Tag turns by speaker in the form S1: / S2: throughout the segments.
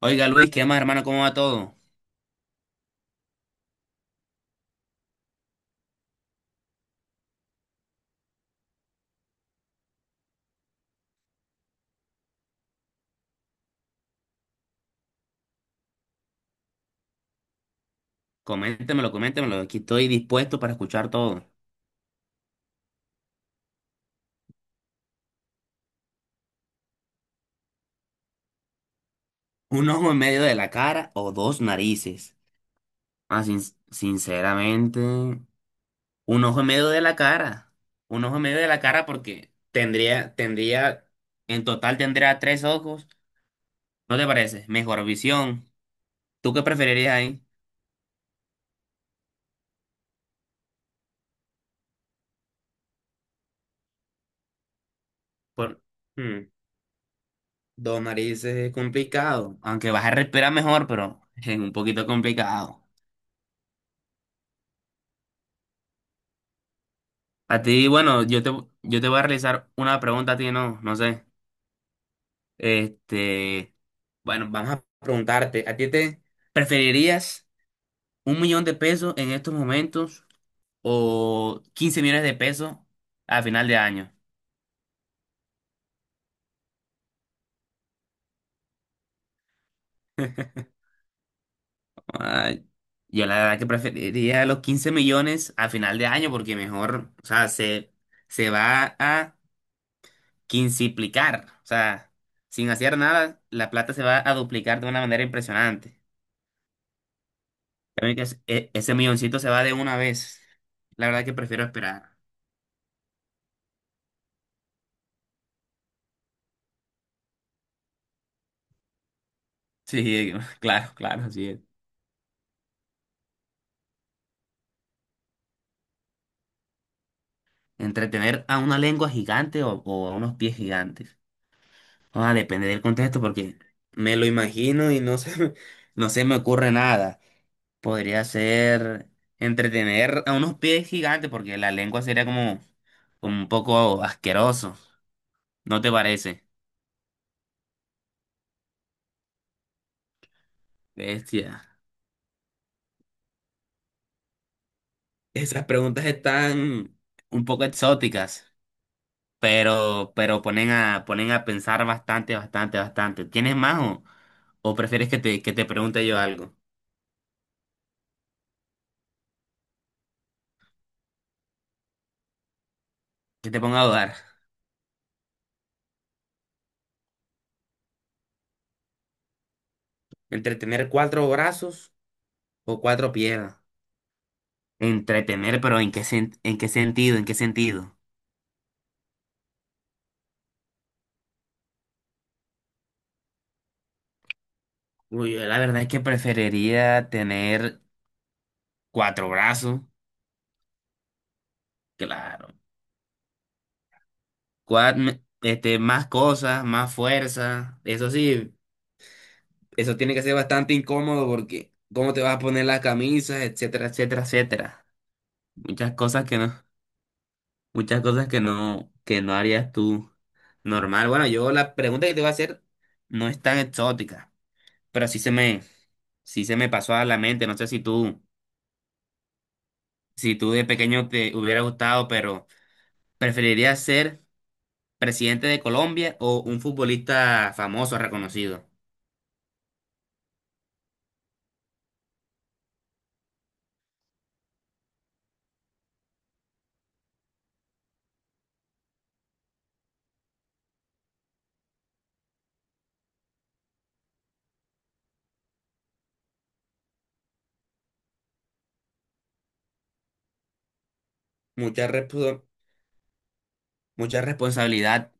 S1: Oiga Luis, ¿qué más hermano? ¿Cómo va todo? Coméntemelo, coméntemelo. Aquí estoy dispuesto para escuchar todo. ¿Un ojo en medio de la cara o dos narices? Ah, sinceramente, un ojo en medio de la cara. Un ojo en medio de la cara porque en total tendría tres ojos. ¿No te parece? Mejor visión. ¿Tú qué preferirías ahí? Por, hmm, Dos narices es complicado. Aunque vas a respirar mejor, pero es un poquito complicado. A ti, bueno, yo te voy a realizar una pregunta a ti, no, no sé. Este, bueno, vamos a preguntarte, ¿a ti te preferirías 1 millón de pesos en estos momentos o 15 millones de pesos a final de año? Ay, yo la verdad que preferiría los 15 millones a final de año porque mejor, o sea, se va a quinciplicar, o sea, sin hacer nada, la plata se va a duplicar de una manera impresionante. Ya ven que ese milloncito se va de una vez. La verdad que prefiero esperar. Sí, claro, claro, así es. Entretener a una lengua gigante o a unos pies gigantes. Ah, depende del contexto porque me lo imagino y no no se me ocurre nada. Podría ser entretener a unos pies gigantes porque la lengua sería como un poco asqueroso. ¿No te parece? Bestia. Esas preguntas están un poco exóticas. Pero ponen a pensar bastante, bastante, bastante. ¿Tienes más o prefieres que te pregunte yo algo? Que te ponga a dudar. ¿Entre tener cuatro brazos o cuatro piernas? Entretener, pero en qué sentido? ¿En qué sentido? Uy, yo la verdad es que preferiría tener cuatro brazos, claro. Más cosas, más fuerza. Eso sí, eso tiene que ser bastante incómodo porque cómo te vas a poner las camisas, etcétera, etcétera, etcétera. Muchas cosas que no, muchas cosas que no harías tú normal. Bueno, yo la pregunta que te voy a hacer no es tan exótica, pero sí se me pasó a la mente. No sé si tú de pequeño te hubiera gustado, pero ¿preferirías ser presidente de Colombia o un futbolista famoso, reconocido? Mucha respo- Mucha responsabilidad.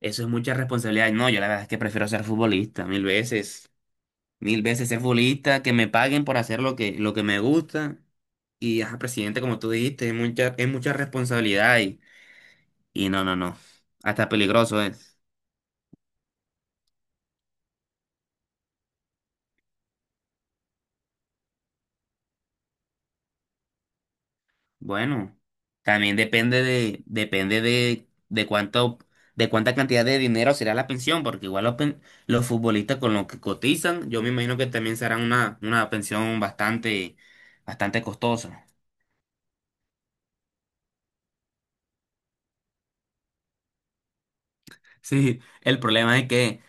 S1: Eso es mucha responsabilidad. No, yo la verdad es que prefiero ser futbolista mil veces. Mil veces ser futbolista, que me paguen por hacer lo que me gusta. Y, ajá, presidente, como tú dijiste, es mucha, responsabilidad y no, no, no. Hasta peligroso es. Bueno, también de cuánta cantidad de dinero será la pensión, porque igual los futbolistas con los que cotizan, yo me imagino que también será una pensión bastante, bastante costosa. Sí, el problema es que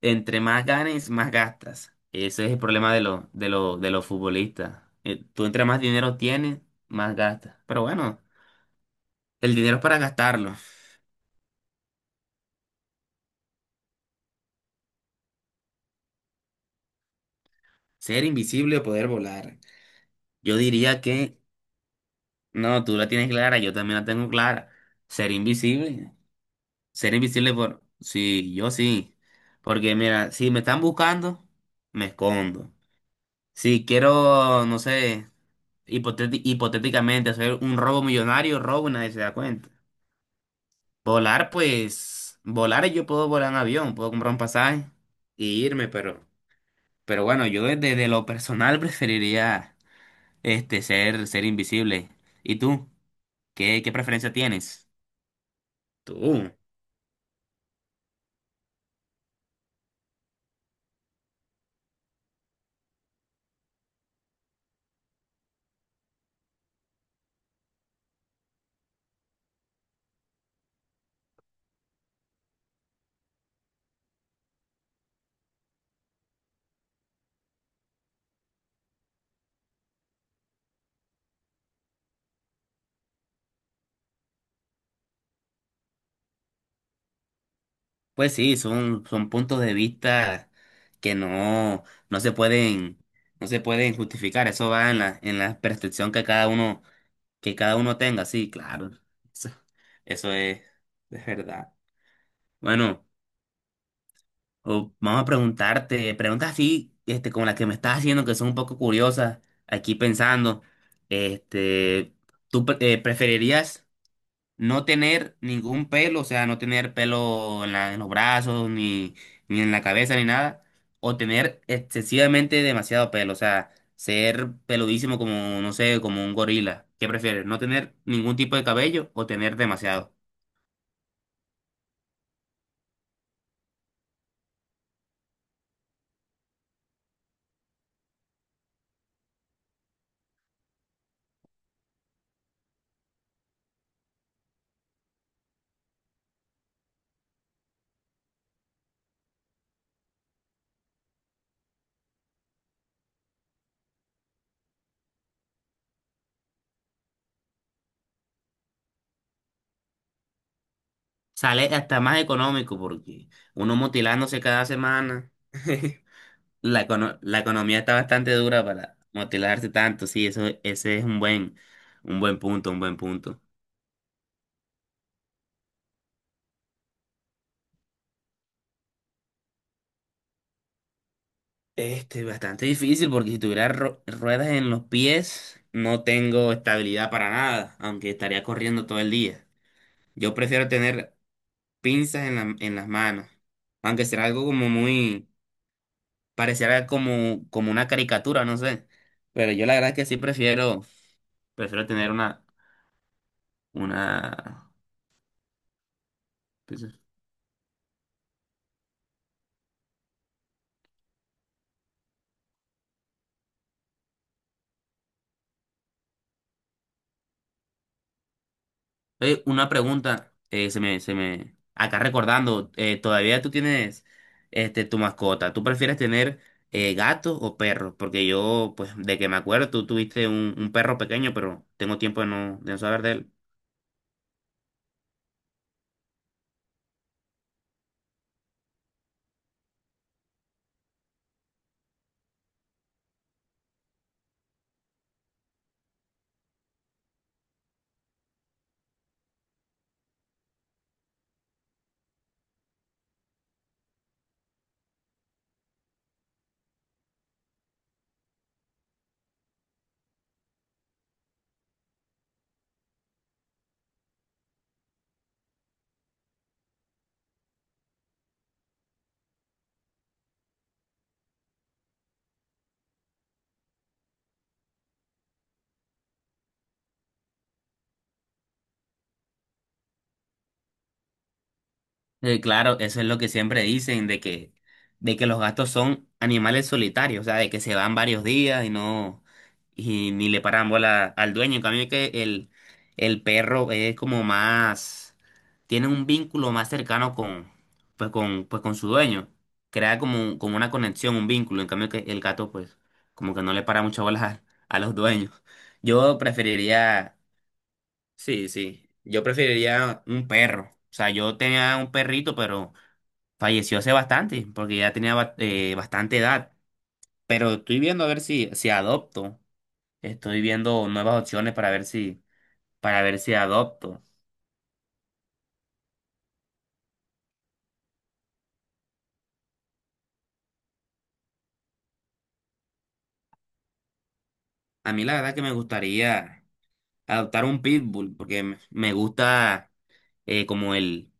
S1: entre más ganes, más gastas. Ese es el problema de los futbolistas. Tú entre más dinero tienes, más gastas. Pero bueno, el dinero es para gastarlo. Ser invisible o poder volar. Yo diría que, no, tú la tienes clara, yo también la tengo clara. Ser invisible. Sí, yo sí. Porque mira, si me están buscando, me escondo. Si quiero, no sé, hipotéticamente hacer un robo millonario, robo y nadie se da cuenta. Volar, pues, volar yo puedo volar en avión, puedo comprar un pasaje y irme, pero, bueno, yo de lo personal preferiría ser invisible. ¿Y tú? ¿Qué preferencia tienes? Tú. Pues sí, son puntos de vista que no se pueden, no se pueden justificar. Eso va en la percepción que cada uno tenga. Sí, claro. Eso, eso es verdad. Bueno. O vamos a preguntarte, preguntas así, como las que me estás haciendo, que son un poco curiosas, aquí pensando, este, preferirías no tener ningún pelo, o sea, no tener pelo en los brazos, ni en la cabeza, ni nada, o tener excesivamente demasiado pelo, o sea, ser peludísimo como, no sé, como un gorila? ¿Qué prefieres, no tener ningún tipo de cabello o tener demasiado? Sale hasta más económico porque uno motilándose cada semana. La economía está bastante dura para motilarse tanto, sí, eso, ese es un buen punto, un buen punto. Bastante difícil porque si tuviera ruedas en los pies, no tengo estabilidad para nada, aunque estaría corriendo todo el día. Yo prefiero tener pinzas en las manos, aunque será algo como muy, pareciera como una caricatura, no sé. Pero yo la verdad es que sí prefiero tener una, pues, oye, una pregunta, acá recordando, todavía tú tienes, tu mascota. ¿Tú prefieres tener gatos o perros? Porque yo, pues, de que me acuerdo, tú tuviste un perro pequeño, pero tengo tiempo de no saber de él. Claro, eso es lo que siempre dicen, de que los gatos son animales solitarios, o sea, de que se van varios días y ni le paran bola al dueño. En cambio que el perro es como más, tiene un vínculo más cercano pues con su dueño. Crea como una conexión, un vínculo. En cambio que el gato, pues, como que no le para mucho bolas a los dueños. Yo preferiría, sí, sí, yo preferiría un perro. O sea, yo tenía un perrito, pero falleció hace bastante, porque ya tenía bastante edad. Pero estoy viendo a ver si adopto. Estoy viendo nuevas opciones para ver si adopto. A mí la verdad que me gustaría adoptar un pitbull, porque me gusta eh, como el,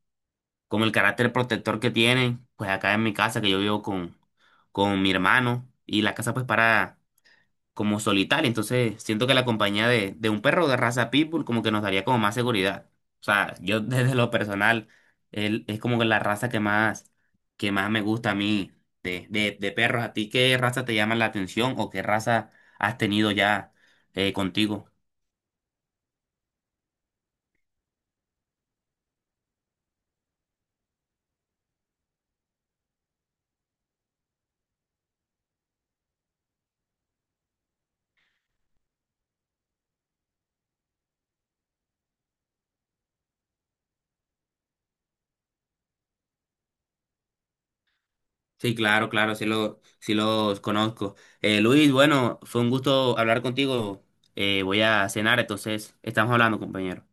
S1: como el carácter protector que tiene, pues acá en mi casa, que yo vivo con mi hermano. Y la casa pues para como solitaria. Entonces, siento que la compañía de un perro de raza pitbull como que nos daría como más seguridad. O sea, yo desde lo personal, él es como que la raza que más me gusta a mí de perros. ¿A ti qué raza te llama la atención o qué raza has tenido ya contigo? Sí, claro, claro, sí, sí los conozco. Luis, bueno, fue un gusto hablar contigo. Voy a cenar, entonces estamos hablando, compañero.